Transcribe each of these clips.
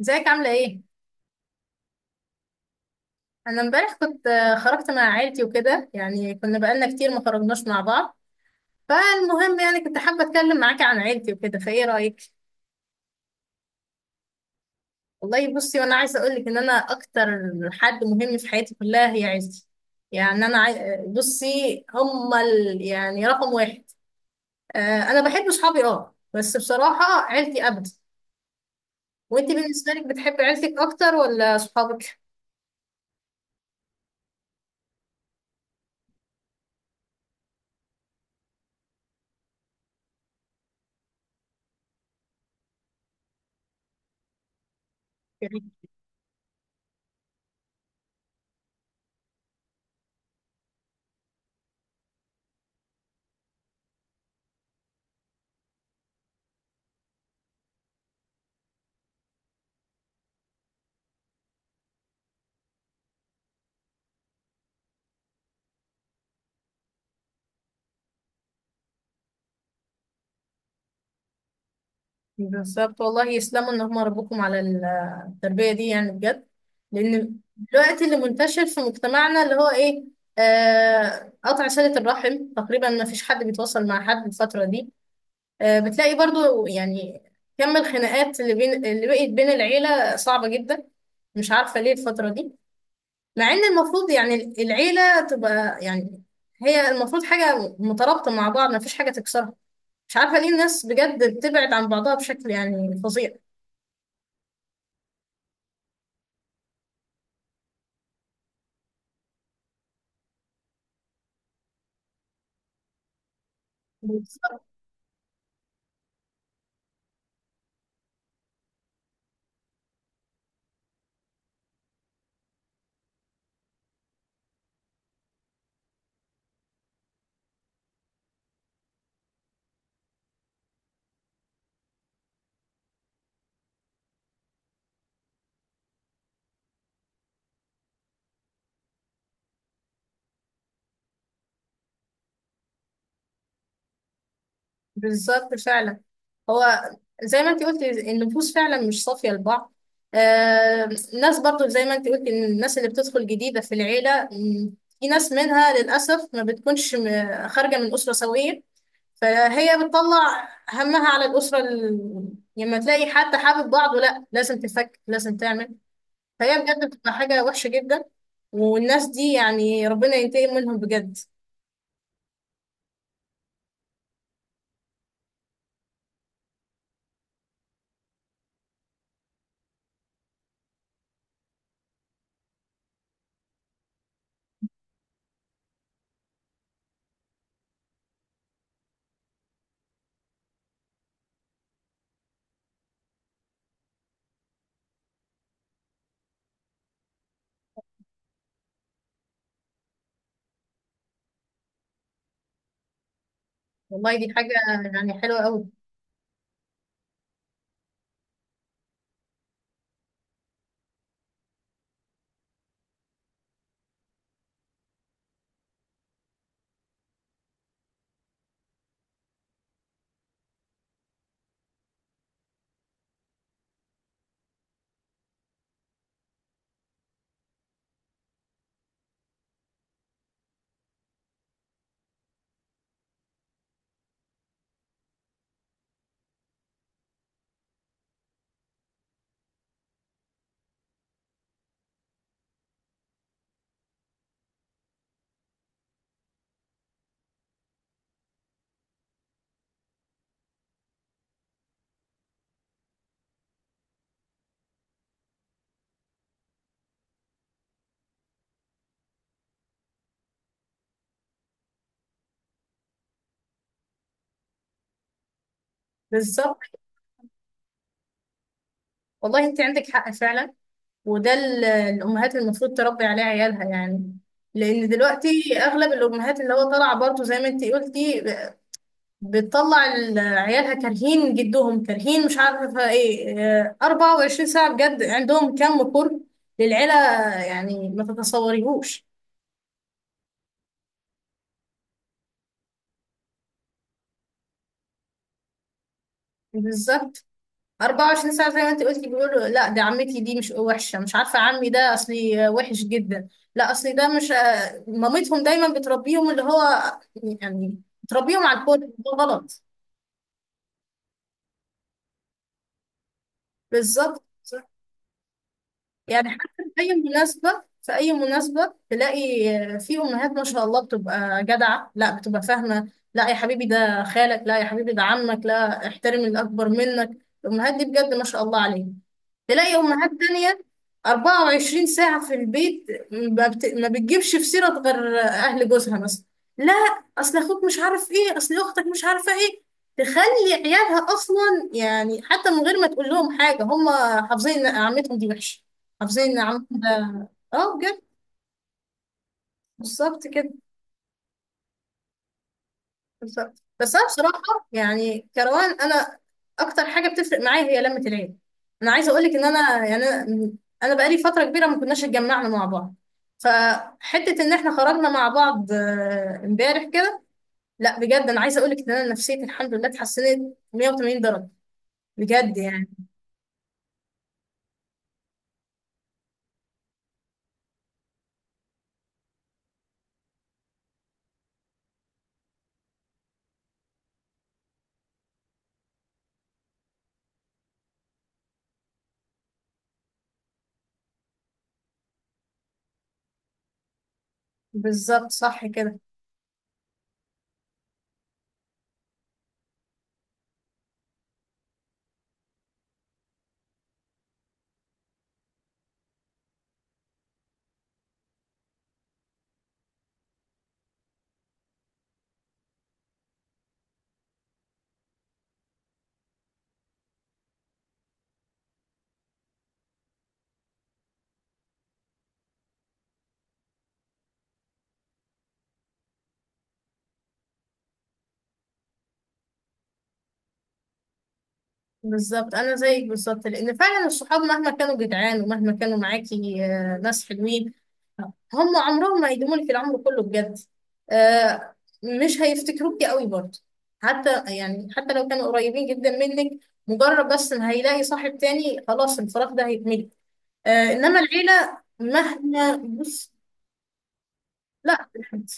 ازيك عاملة ايه؟ أنا امبارح كنت خرجت مع عيلتي وكده، يعني كنا بقالنا كتير ما خرجناش مع بعض. فالمهم يعني كنت حابة أتكلم معاكي عن عيلتي وكده، فايه رأيك؟ والله بصي، وأنا عايزة أقولك إن أنا أكتر حد مهم في حياتي كلها هي عيلتي. يعني أنا عاي... آه، بصي، هما يعني رقم واحد. أنا بحب صحابي، اه، بس بصراحة عيلتي أبدا. وأنت بالنسبة لك بتحبي عيلتك أكتر ولا صحابك؟ بالظبط، والله يسلموا ان هم ربوكم على التربيه دي، يعني بجد. لان دلوقتي اللي منتشر في مجتمعنا اللي هو ايه، قطع صله الرحم. تقريبا ما فيش حد بيتواصل مع حد الفتره دي. بتلاقي برضو يعني كم الخناقات اللي بين، اللي بقت بين العيله، صعبه جدا. مش عارفه ليه الفتره دي، مع ان المفروض يعني العيله تبقى، يعني هي المفروض حاجه مترابطه مع بعض، ما فيش حاجه تكسرها. مش عارفه ليه الناس بجد بتبعد عن بعضها بشكل يعني فظيع. بالظبط، بالظبط فعلا. هو زي ما انت قلت، النفوس فعلا مش صافية لبعض. آه ناس برضو زي ما انت قلت ان الناس اللي بتدخل جديدة في العيلة، في ناس منها للأسف ما بتكونش خارجة من أسرة سوية، فهي بتطلع همها على الأسرة يعني لما تلاقي حد حابب بعضه، لا لازم تفك، لازم تعمل. فهي بجد بتبقى حاجة وحشة جدا. والناس دي يعني ربنا ينتقم منهم بجد. والله دي حاجة يعني حلوة قوي. بالظبط، والله انت عندك حق فعلا. وده الامهات المفروض تربي عليه عيالها، يعني لان دلوقتي اغلب الامهات اللي هو طالعه برضو زي ما انت قلتي، بتطلع عيالها كارهين جدهم، كارهين، مش عارفه ايه. اه، 24 ساعه بجد عندهم كم قرب للعيله، يعني ما تتصوريهوش. بالظبط، 24 ساعة زي ما انت قلتي بيقولوا: لا ده عمتي دي مش وحشة، مش عارفة عمي ده اصلي وحش جدا، لا اصلي ده مش، مامتهم دايما بتربيهم اللي هو، يعني بتربيهم على الكل ده غلط. بالظبط. يعني حتى في اي مناسبة، في اي مناسبة تلاقي، في امهات ما شاء الله بتبقى جدعة، لا بتبقى فاهمة: لا يا حبيبي ده خالك، لا يا حبيبي ده عمك، لا احترم الاكبر منك. الامهات دي بجد ما شاء الله عليهم. تلاقي امهات تانية 24 ساعة في البيت، ما بتجيبش في سيرة غير اهل جوزها مثلا. لا اصل اخوك مش عارف ايه، اصل اختك مش عارفة ايه. تخلي عيالها اصلا، يعني حتى من غير ما تقول لهم حاجة، هم حافظين ان عمتهم دي وحشة، حافظين ان عمتهم ده. اه، بجد. بالظبط كده. بالظبط، بس انا بصراحه يعني كروان. انا اكتر حاجه بتفرق معايا هي لمه العيله. انا عايزه اقول لك ان انا، يعني انا، أنا بقالي فتره كبيره ما كناش اتجمعنا مع بعض، فحته ان احنا خرجنا مع بعض امبارح كده، لا بجد انا عايزه اقول لك ان انا نفسيتي الحمد لله اتحسنت 180 درجه، بجد يعني. بالظبط، صح كده. بالظبط، انا زيك بالظبط، لان فعلا الصحاب مهما كانوا جدعان ومهما كانوا معاكي ناس حلوين، هم عمرهم ما هيدوموا لي في العمر كله بجد. آه مش هيفتكروكي قوي برضه، حتى يعني حتى لو كانوا قريبين جدا منك، مجرد بس ان هيلاقي صاحب تاني خلاص الفراغ ده هيتملي. انما العيلة مهما بص. لا، بالحمد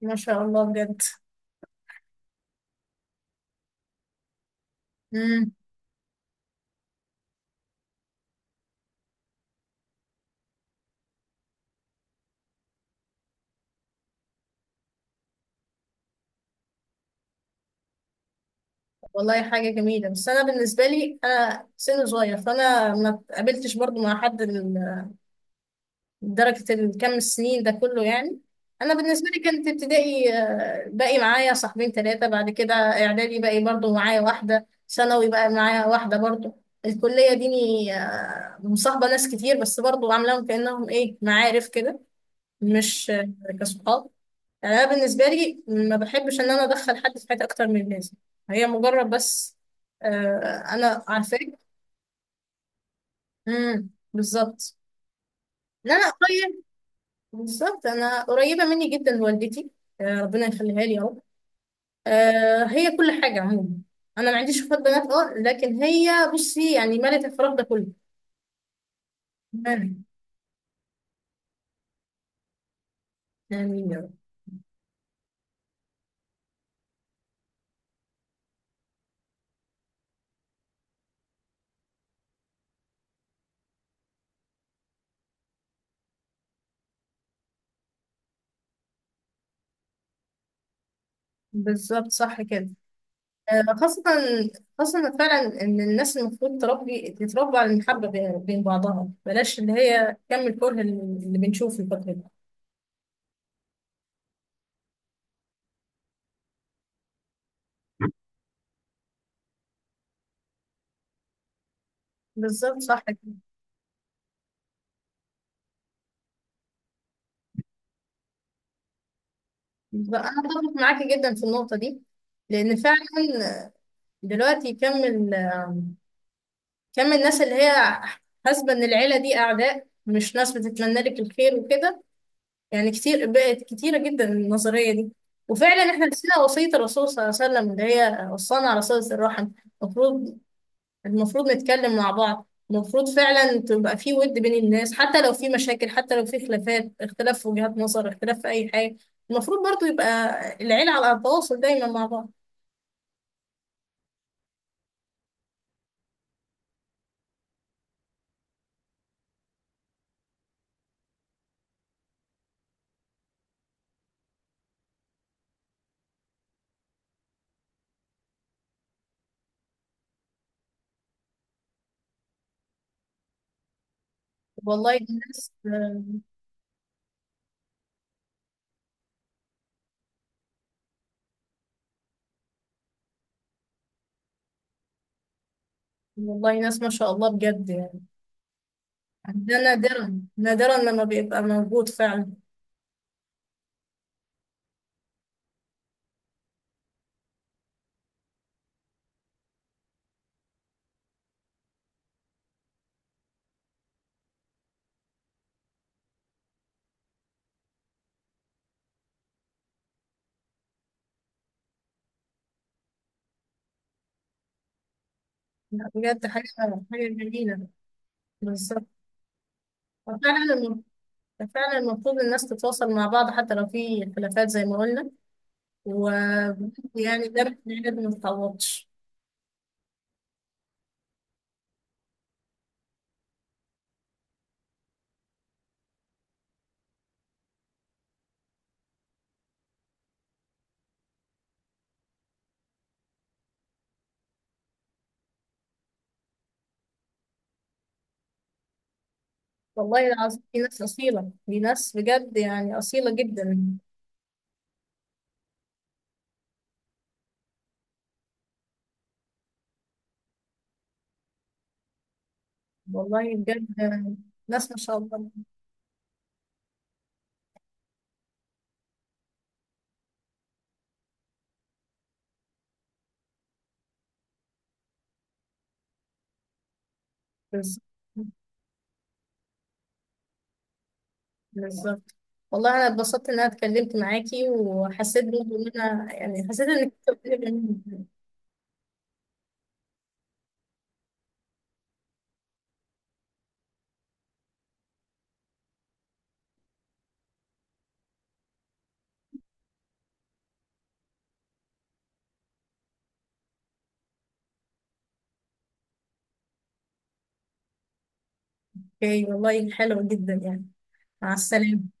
ما شاء الله بجد. امم. والله حاجة جميلة، بس انا بالنسبة لي انا سن صغير، فانا ما اتقابلتش برضه مع حد درجة الكم السنين ده كله، يعني أنا بالنسبة لي كانت ابتدائي باقي معايا صاحبين ثلاثة، بعد كده إعدادي باقي برضو معايا واحدة، ثانوي بقى معايا واحدة برضو، الكلية ديني مصاحبة ناس كتير بس برضو عاملاهم كأنهم إيه، معارف كده، مش كصحاب. يعني أنا بالنسبة لي ما بحبش إن أنا أدخل حد في حياتي أكتر من لازم. هي مجرد بس أنا عارفاك. امم، بالظبط. لا، لا، بالظبط انا قريبه مني جدا والدتي. ربنا يخليها لي يا رب. هي كل حاجه عموما. انا ما عنديش اخوات بنات، اه، لكن هي بصي يعني مالت الفراغ ده كله. امين. آمين يا رب. بالظبط، صح كده. خاصه، خاصه فعلا ان الناس المفروض تربي، تتربى على المحبه بين بعضها، بلاش اللي هي كم الكره اللي بنشوفه الفتره دي. بالظبط، صح كده. بالظبط. انا اتفق معاكي جدا في النقطه دي، لان فعلا دلوقتي كم كم من الناس اللي هي حاسبة إن العيلة دي أعداء، مش ناس بتتمنى لك الخير وكده. يعني كتير، بقت كتيرة جدا النظرية دي. وفعلا احنا نسينا وصية الرسول صلى الله عليه وسلم اللي هي وصانا على صلة الرحم. المفروض المفروض نتكلم مع بعض، المفروض فعلا تبقى في ود بين الناس، حتى لو في مشاكل، حتى لو في خلافات، اختلاف في وجهات نظر، اختلاف في أي حاجة، المفروض برضو يبقى العيلة على تواصل دايما مع بعض. والله الناس والله ناس ما شاء الله بجد يعني. ده نادرا، نادرا لما بيبقى موجود فعلا. لا بجد حاجة جميلة. بالظبط. فعلا المفروض الناس تتواصل مع بعض، حتى لو في خلافات زي ما قلنا، ويعني ده بجد ما يتعوضش. والله العظيم في ناس أصيلة، في ناس بجد يعني أصيلة جدا. والله بجد، ناس ما شاء الله. بالظبط. بالظبط، والله أنا اتبسطت إن أنا اتكلمت معاكي، وحسيت برضه إن أنا يعني حسيت إنك، اوكي، والله حلو جدا يعني. مع السلامة.